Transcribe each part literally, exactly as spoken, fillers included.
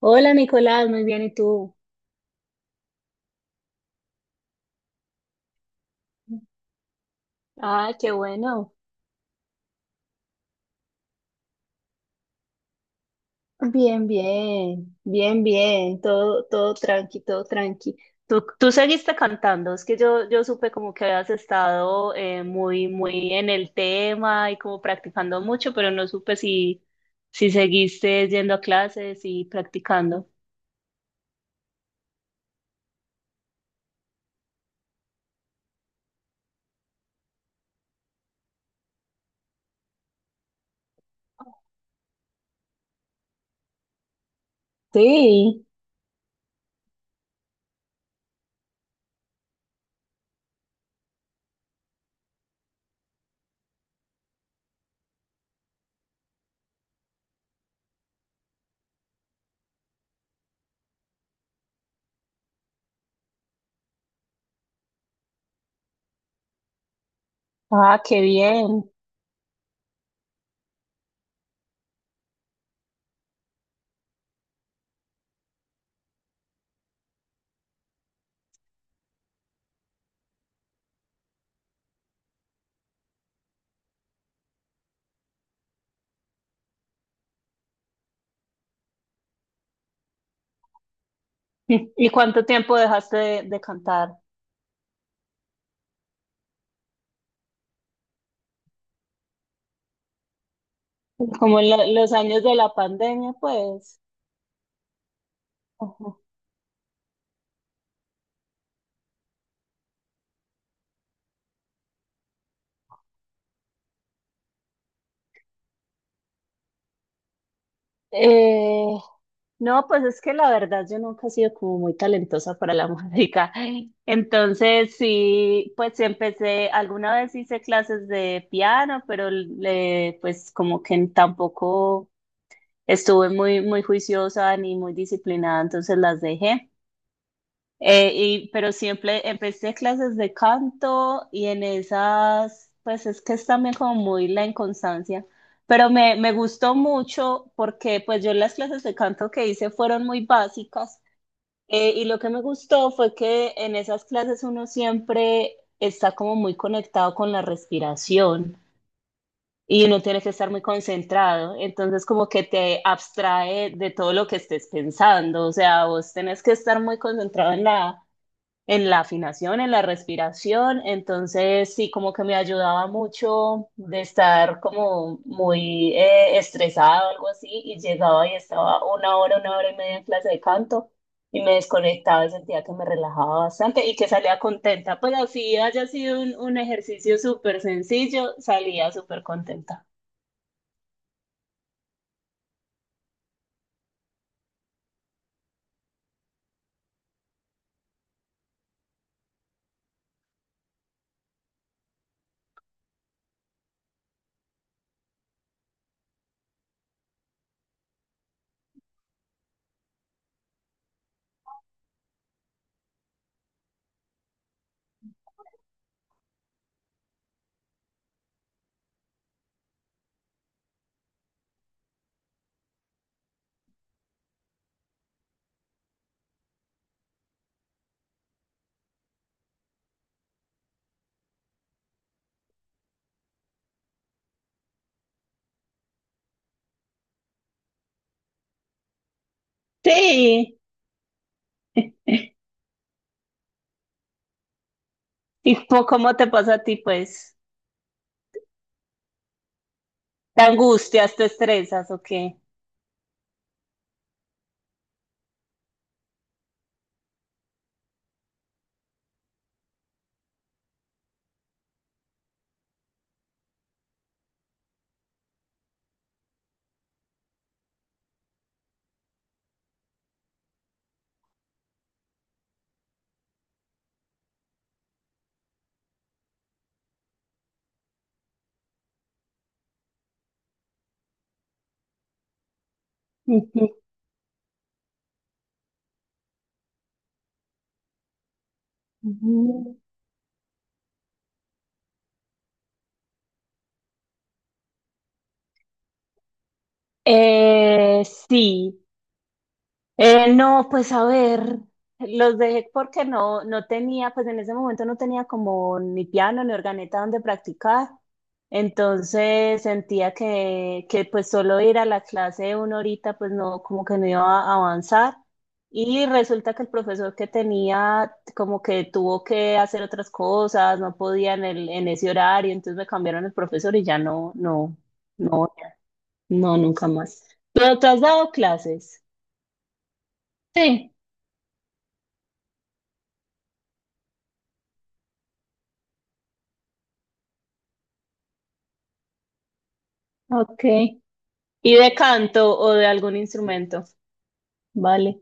Hola Nicolás, muy bien, ¿y tú? Ah, qué bueno. Bien, bien, bien, bien, todo, todo tranqui, todo tranqui. Tú, tú seguiste cantando, es que yo, yo supe como que habías estado eh, muy, muy en el tema y como practicando mucho, pero no supe si, si seguiste yendo a clases y practicando. Sí, ah, qué bien. ¿Y cuánto tiempo dejaste de, de cantar? Como en lo- los años de la pandemia, pues. Eh, no, pues es que la verdad yo nunca he sido como muy talentosa para la música. Entonces, sí, pues sí empecé, alguna vez hice clases de piano, pero le, pues como que tampoco estuve muy, muy juiciosa ni muy disciplinada, entonces las dejé. Eh, y, pero siempre empecé clases de canto y en esas, pues es que es también como muy la inconstancia, pero me, me gustó mucho porque pues yo las clases de canto que hice fueron muy básicas, eh, y lo que me gustó fue que en esas clases uno siempre está como muy conectado con la respiración y uno tiene que estar muy concentrado, entonces como que te abstrae de todo lo que estés pensando, o sea, vos tenés que estar muy concentrado en la en la afinación, en la respiración, entonces sí, como que me ayudaba mucho de estar como muy eh, estresada o algo así, y llegaba y estaba una hora, una hora y media en clase de canto, y me desconectaba y sentía que me relajaba bastante y que salía contenta, pues así haya sido un, un ejercicio súper sencillo, salía súper contenta. Sí, ¿y po- cómo te pasa a ti, pues? ¿Te angustias, te estresas o qué? Ujú. Eh, sí. Eh, no, pues a ver, los dejé porque no, no tenía, pues en ese momento no tenía como ni piano ni organeta donde practicar, entonces sentía que, que pues solo ir a la clase de una horita pues no, como que no iba a avanzar y resulta que el profesor que tenía como que tuvo que hacer otras cosas, no podía en el, en ese horario, entonces me cambiaron el profesor y ya no, no, no. No, nunca más. ¿Pero ¿te has dado clases? Sí. Ok. ¿Y de canto o de algún instrumento? Vale.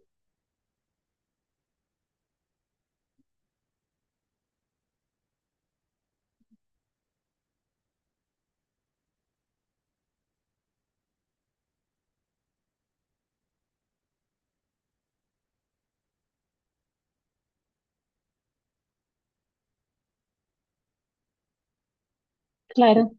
Claro.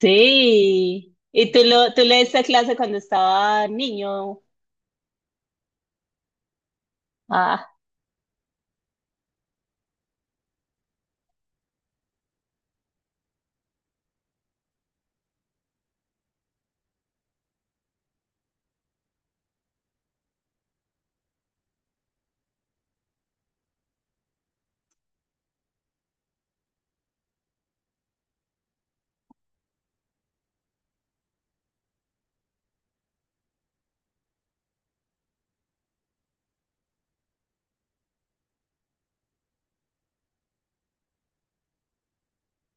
Sí. ¿Y tú, lo, tú le diste clase cuando estaba niño? Ah.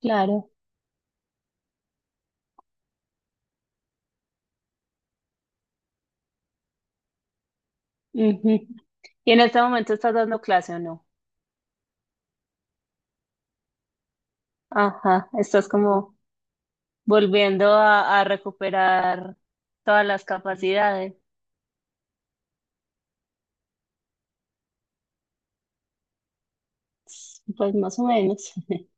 Claro. Ujú. ¿Y en este momento estás dando clase o no? Ajá, estás como volviendo a, a recuperar todas las capacidades. Pues más o menos.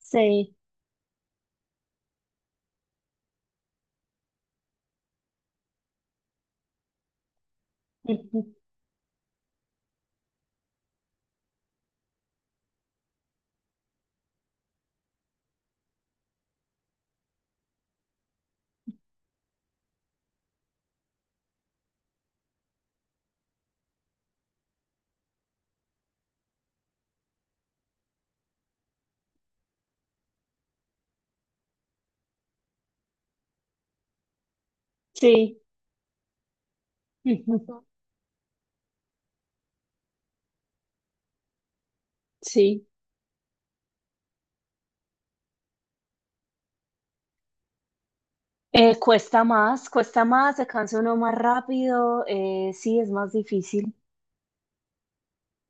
Sí. Ujú. Sí, ujú. Sí. Eh, cuesta más, cuesta más, se cansa uno más rápido, eh, sí, es más difícil.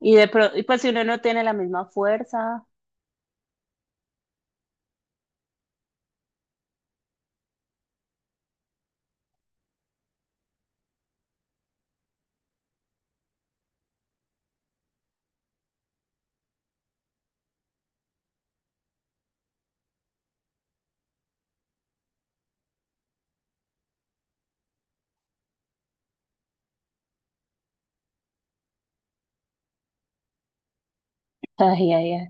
Y de pro- y pues si uno no tiene la misma fuerza, ay, ay, ay.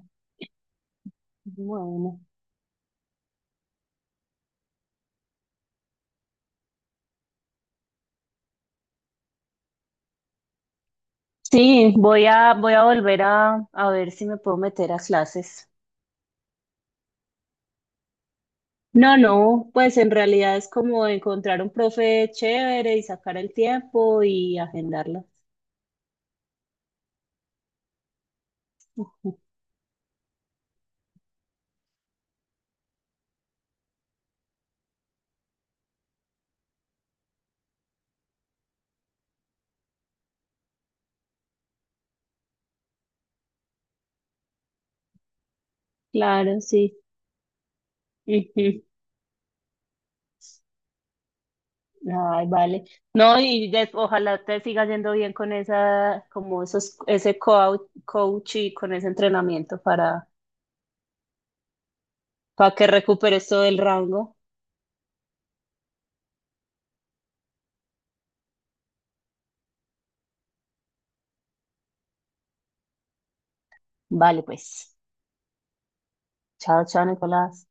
Bueno. Sí, voy a, voy a volver a, a ver si me puedo meter a clases. No, no, pues en realidad es como encontrar un profe chévere y sacar el tiempo y agendarlo. Claro, sí. Ujú. Ay, vale. No, y des- ojalá te siga yendo bien con esa, como esos, ese coau- coach y con ese entrenamiento para, para que recuperes todo el rango. Vale, pues. Chao, chao, Nicolás.